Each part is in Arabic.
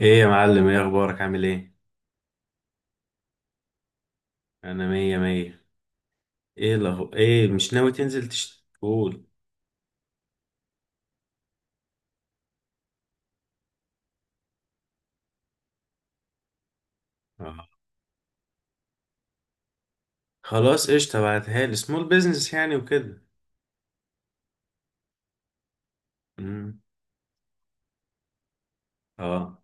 ايه يا معلم، ايه اخبارك، عامل ايه؟ انا مية مية. ايه مش ناوي تنزل تشتغل؟ اه. خلاص قشطة، بعتها لي سمول بيزنس يعني وكده. امم. اه،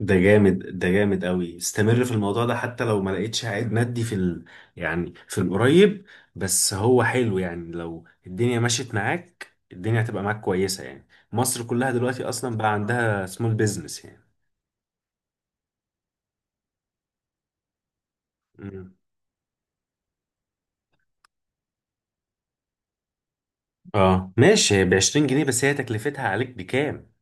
ده جامد، ده جامد قوي، استمر في الموضوع ده حتى لو ما لقيتش عائد مادي يعني في القريب. بس هو حلو، يعني لو الدنيا مشيت معاك الدنيا هتبقى معاك كويسة يعني. مصر كلها دلوقتي اصلا بقى عندها سمول بيزنس يعني. امم. اه ماشي، ب 20 جنيه بس هي تكلفتها عليك بكام؟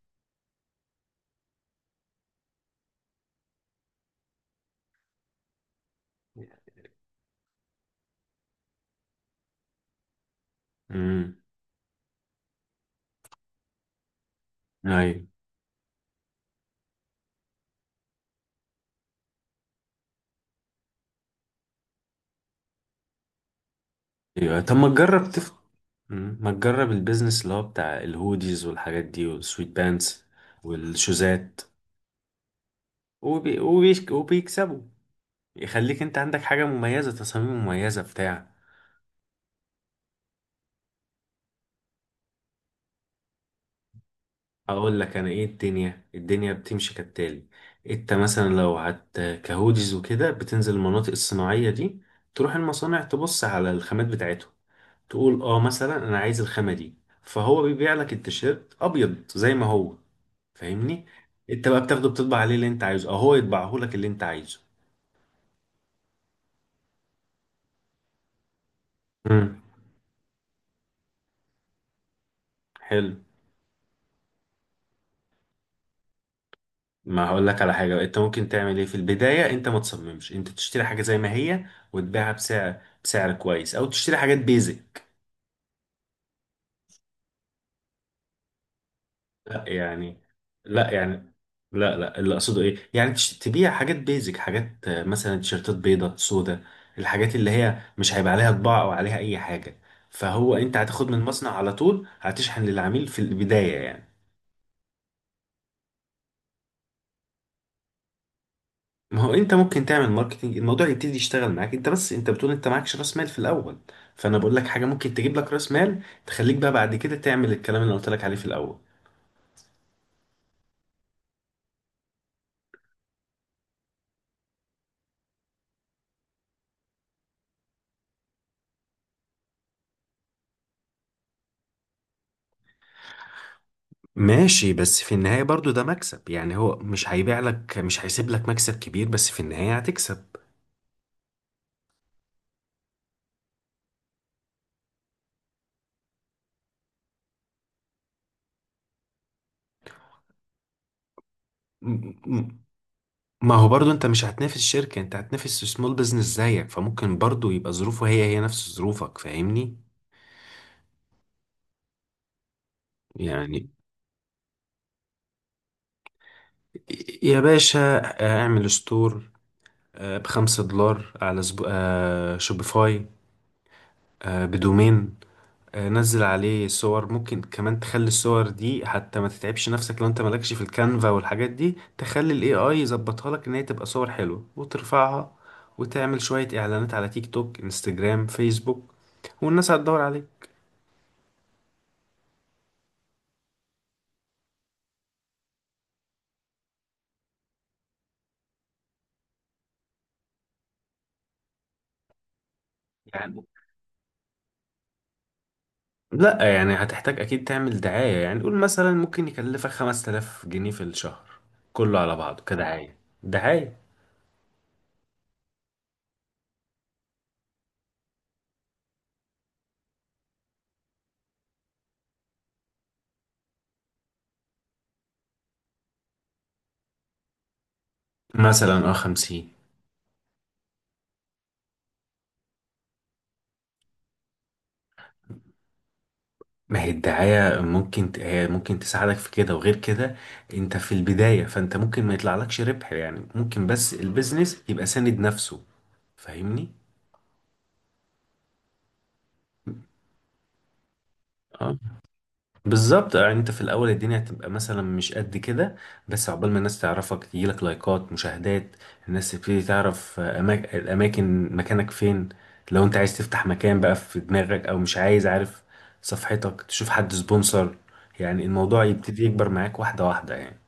امم. ايوه. ايوه طب ما تجرب مم. ما تجرب البيزنس اللي هو بتاع الهوديز والحاجات دي والسويت بانس والشوزات. وبيكسبوا. يخليك انت عندك حاجة مميزة، تصاميم مميزة بتاع. اقول لك انا ايه الدنيا، الدنيا بتمشي كالتالي. انت مثلا لو هت كهوديز وكده بتنزل المناطق الصناعية دي، تروح المصانع تبص على الخامات بتاعتهم، تقول اه مثلا انا عايز الخامة دي. فهو بيبيع لك التيشيرت ابيض زي ما هو، فاهمني؟ انت بقى بتاخده بتطبع عليه اللي انت عايزه، او هو يطبعه لك اللي انت عايزه. امم. حلو. ما هقول لك على حاجة انت ممكن تعمل ايه في البداية، انت ما تصممش، انت تشتري حاجة زي ما هي وتبيعها بسعر كويس، او تشتري حاجات بيزك. لا يعني، لا يعني، لا لا، اللي اقصده ايه، يعني تبيع حاجات بيزك، حاجات مثلا تيشيرتات بيضة سودة، الحاجات اللي هي مش هيبقى عليها طباعة او عليها اي حاجة، فهو انت هتاخد من المصنع على طول هتشحن للعميل في البداية يعني. ما هو انت ممكن تعمل ماركتنج، الموضوع يبتدي يشتغل معاك، انت بس انت بتقول انت معكش راس مال في الاول، فانا بقول لك حاجة ممكن تجيب لك راس مال تخليك بقى بعد كده تعمل الكلام اللي أنا قلت لك عليه في الاول. ماشي بس في النهاية برضو ده مكسب، يعني هو مش هيبيع لك، مش هيسيب لك مكسب كبير، بس في النهاية هتكسب. م- م- ما هو برضو انت مش هتنافس شركة، انت هتنافس سمول بزنس زيك، فممكن برضو يبقى ظروفه هي هي نفس ظروفك، فاهمني؟ يعني، يا باشا، اعمل ستور ب 5 دولار على سب... آه، شوبيفاي، بدومين. نزل عليه صور، ممكن كمان تخلي الصور دي، حتى ما تتعبش نفسك، لو انت مالكش في الكانفا والحاجات دي تخلي الاي اي يظبطها لك ان هي تبقى صور حلوة وترفعها. وتعمل شوية اعلانات على تيك توك، انستجرام، فيسبوك، والناس هتدور عليه. يعني، لا يعني هتحتاج اكيد تعمل دعاية، يعني قول مثلا ممكن يكلفك 5000 جنيه في الشهر كله على بعضه كدعاية. دعاية. مثلا اه 50. ما هي الدعاية ممكن هي ممكن تساعدك في كده، وغير كده انت في البداية، فانت ممكن ما يطلعلكش ربح يعني، ممكن بس البيزنس يبقى ساند نفسه. فاهمني؟ اه. بالظبط، يعني انت في الاول الدنيا هتبقى مثلا مش قد كده، بس عقبال ما الناس تعرفك، تجيلك لايكات، مشاهدات، الناس تبتدي تعرف الاماكن، مكانك فين. لو انت عايز تفتح مكان بقى في دماغك، او مش عايز، عارف صفحتك، تشوف حد سبونسر، يعني الموضوع يبتدي يكبر معاك واحدة واحدة يعني.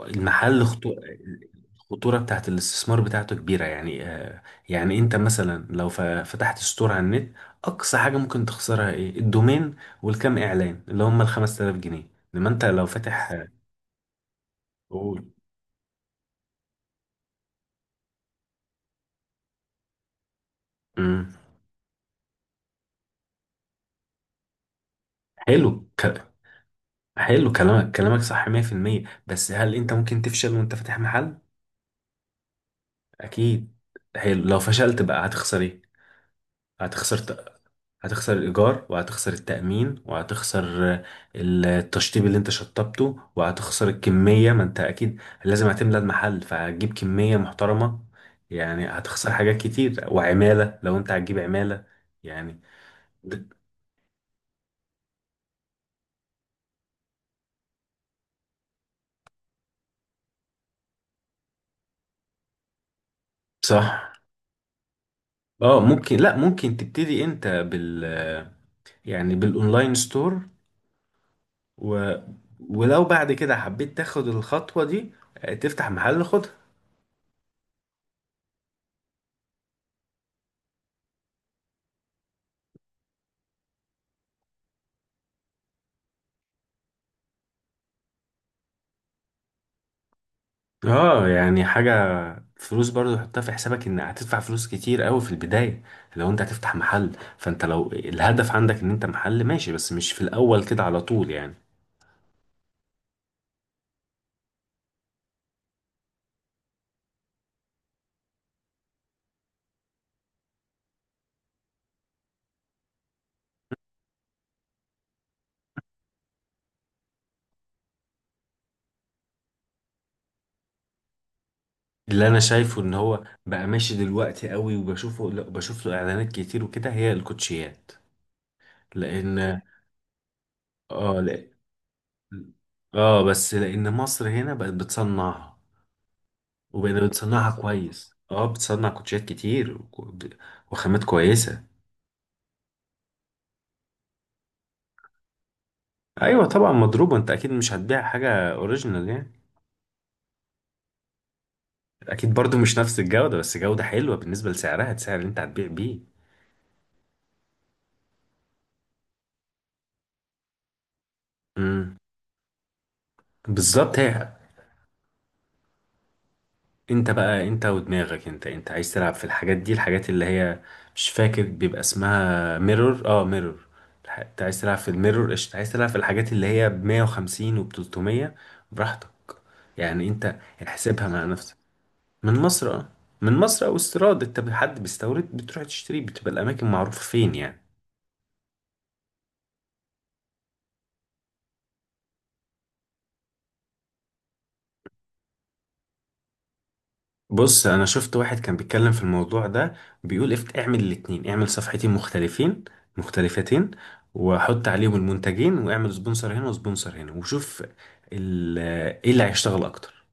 المحل خطو... الخطورة بتاعت الاستثمار بتاعته كبيرة يعني يعني انت مثلا لو فتحت ستور على النت، اقصى حاجة ممكن تخسرها ايه؟ الدومين والكام اعلان اللي هم ال 5000 جنيه. انما انت لو فاتح قول. مم. حلو، ك... حلو كلامك صح 100%. بس هل انت ممكن تفشل وانت فاتح محل؟ اكيد. حلو، لو فشلت بقى هتخسر ايه؟ هتخسر هتخسر الإيجار، وهتخسر التأمين، وهتخسر التشطيب اللي انت شطبته، وهتخسر الكمية، ما انت أكيد لازم هتملى المحل فهتجيب كمية محترمة، يعني هتخسر حاجات كتير، وعمالة لو انت هتجيب عمالة. يعني د- صح. اه ممكن، لا ممكن تبتدي انت بال، يعني بالاونلاين ستور، و، ولو بعد كده حبيت تاخد الخطوة دي تفتح محل، خدها. اه يعني حاجة، فلوس برضو حطها في حسابك ان هتدفع فلوس كتير قوي في البداية لو انت هتفتح محل. فانت لو الهدف عندك ان انت محل ماشي، بس مش في الاول كده على طول يعني. اللي انا شايفه ان هو بقى ماشي دلوقتي قوي وبشوفه، لا بشوف له اعلانات كتير وكده، هي الكوتشيات. لان اه، لا اه، بس لان مصر هنا بقت بتصنعها وبقت بتصنعها كويس، اه بتصنع كوتشيات كتير وخامات كويسة. ايوه طبعا مضروبة، انت اكيد مش هتبيع حاجة اوريجينال يعني. اكيد برضو مش نفس الجودة، بس جودة حلوة بالنسبة لسعرها، السعر اللي انت هتبيع بيه. امم. بالظبط، هي انت بقى، انت ودماغك، انت عايز تلعب في الحاجات دي، الحاجات اللي هي مش فاكر بيبقى اسمها ميرور، اه ميرور. انت عايز تلعب في الميرور قشطة، عايز تلعب في الحاجات اللي هي ب 150 وب 300 براحتك. يعني انت احسبها مع نفسك. من مصر اه، من مصر او استيراد، انت حد بيستورد بتروح تشتري، بتبقى الاماكن معروفة فين يعني. بص، انا شفت واحد كان بيتكلم في الموضوع ده، بيقول افت اعمل الاتنين، اعمل صفحتين مختلفين، مختلفتين، وحط عليهم المنتجين واعمل سبونسر هنا وسبونسر هنا وشوف ال- ايه اللي هيشتغل اكتر،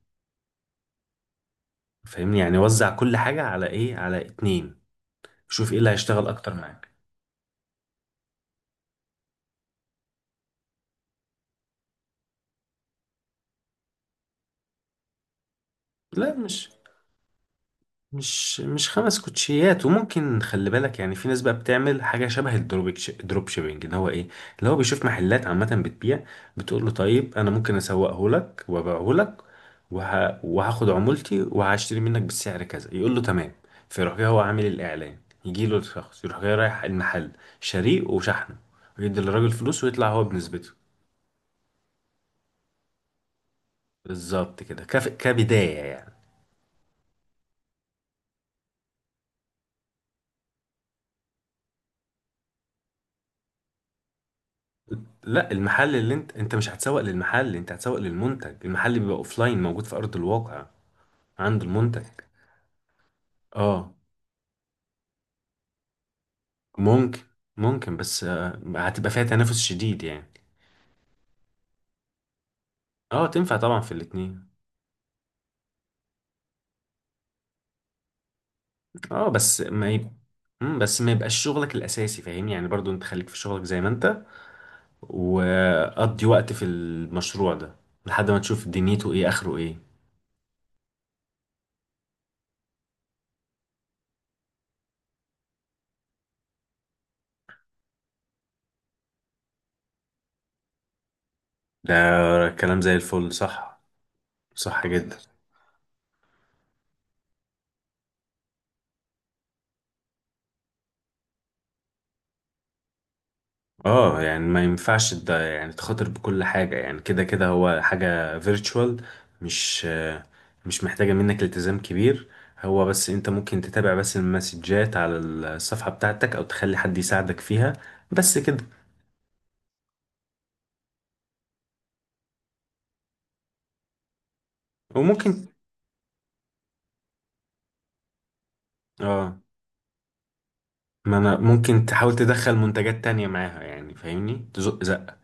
فاهمني؟ يعني وزع كل حاجة على ايه، على اتنين، شوف ايه اللي هيشتغل اكتر معاك. لا، مش خمس كوتشيات، وممكن خلي بالك يعني في ناس بقى بتعمل حاجه شبه الدروب، دروب شيبنج، اللي هو ايه؟ اللي هو بيشوف محلات عامه بتبيع، بتقول له طيب انا ممكن اسوقه لك وابيعه لك، وهاخد عمولتي وهشتري منك بالسعر كذا، يقول له تمام، فيروح جاي هو عامل الاعلان، يجي له الشخص، يروح جاي رايح المحل شاريه وشحنه، ويدي للراجل فلوس ويطلع هو بنسبته، بالظبط كده، كبدايه يعني. لا، المحل اللي انت مش هتسوق للمحل، انت هتسوق للمنتج، المحل بيبقى اوفلاين موجود في ارض الواقع عند المنتج. اه ممكن، ممكن بس هتبقى فيها تنافس شديد يعني. اه تنفع طبعا في الاتنين. اه بس ما يب... مم، بس ما يبقاش شغلك الاساسي، فاهمني؟ يعني برضو انت خليك في شغلك زي ما انت، وقضي وقت في المشروع ده لحد ما تشوف دنيته ايه، اخره ايه. ده كلام زي الفل، صح. صح جدا. اه يعني ما ينفعش ده، يعني تخاطر بكل حاجة، يعني كده كده هو حاجة فيرتشوال، مش مش محتاجة منك التزام كبير، هو بس انت ممكن تتابع بس المسجات على الصفحة بتاعتك، او تخلي حد يساعدك فيها، بس كده. وممكن، اه، ما انا ممكن تحاول تدخل منتجات تانية معاها يعني، فاهمني؟ تزق زق.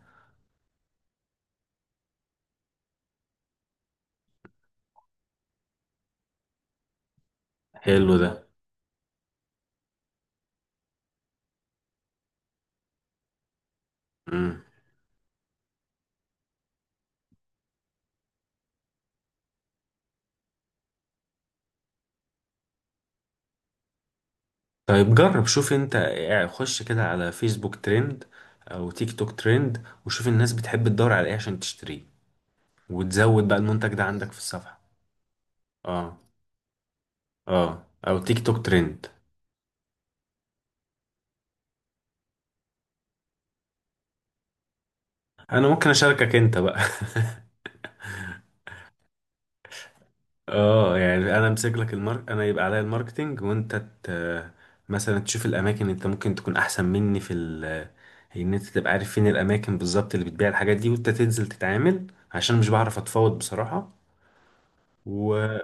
حلو ده. مم. طيب جرب شوف انت يعني، خش كده على فيسبوك ترند او تيك توك ترند، وشوف الناس بتحب تدور على ايه عشان تشتريه، وتزود بقى المنتج ده عندك في الصفحة. اه، اه او تيك توك ترند. انا ممكن اشاركك انت بقى اه يعني انا امسك لك المارك، انا يبقى عليا الماركتينج، وانت ت... مثلا تشوف الاماكن، انت ممكن تكون احسن مني ان انت تبقى عارف فين الاماكن بالظبط اللي بتبيع الحاجات دي، وانت تنزل تتعامل، عشان مش بعرف اتفاوض بصراحة. و،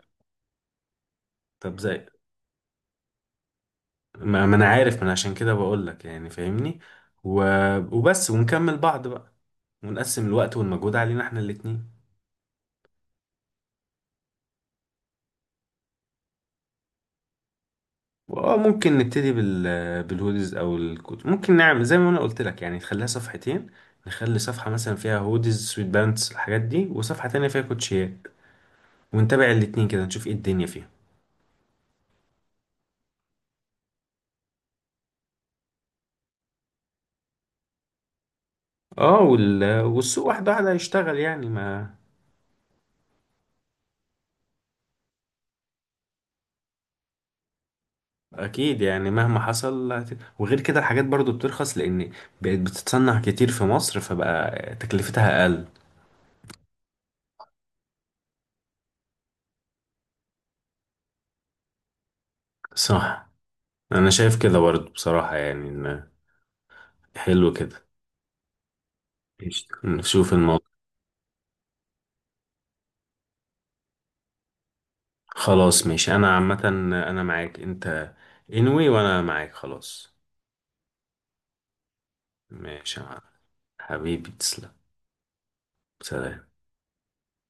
طب زي ما انا عارف، ما انا عشان كده بقول لك يعني، فاهمني. و... وبس، ونكمل بعض بقى، ونقسم الوقت والمجهود علينا احنا الاتنين. اه ممكن نبتدي بال، بالهودز او الكوت. ممكن نعمل زي ما انا قلت لك، يعني نخليها صفحتين، نخلي صفحة مثلا فيها هودز، سويت بانتس، الحاجات دي، وصفحة تانية فيها كوتشيات، ونتابع الاتنين كده نشوف ايه الدنيا فيها. اه والسوق واحدة واحدة هيشتغل يعني، ما اكيد يعني مهما حصل وغير كده الحاجات برضو بترخص، لان بقت بتتصنع كتير في مصر، فبقى تكلفتها اقل. صح. انا شايف كده برضو بصراحة، يعني إن حلو كده. قشطة. نشوف الموضوع. خلاص ماشي، انا عامة انا معاك انت، انوي وانا معاك خلاص. ماشي يا معلم. حبيبي تسلم. سلام.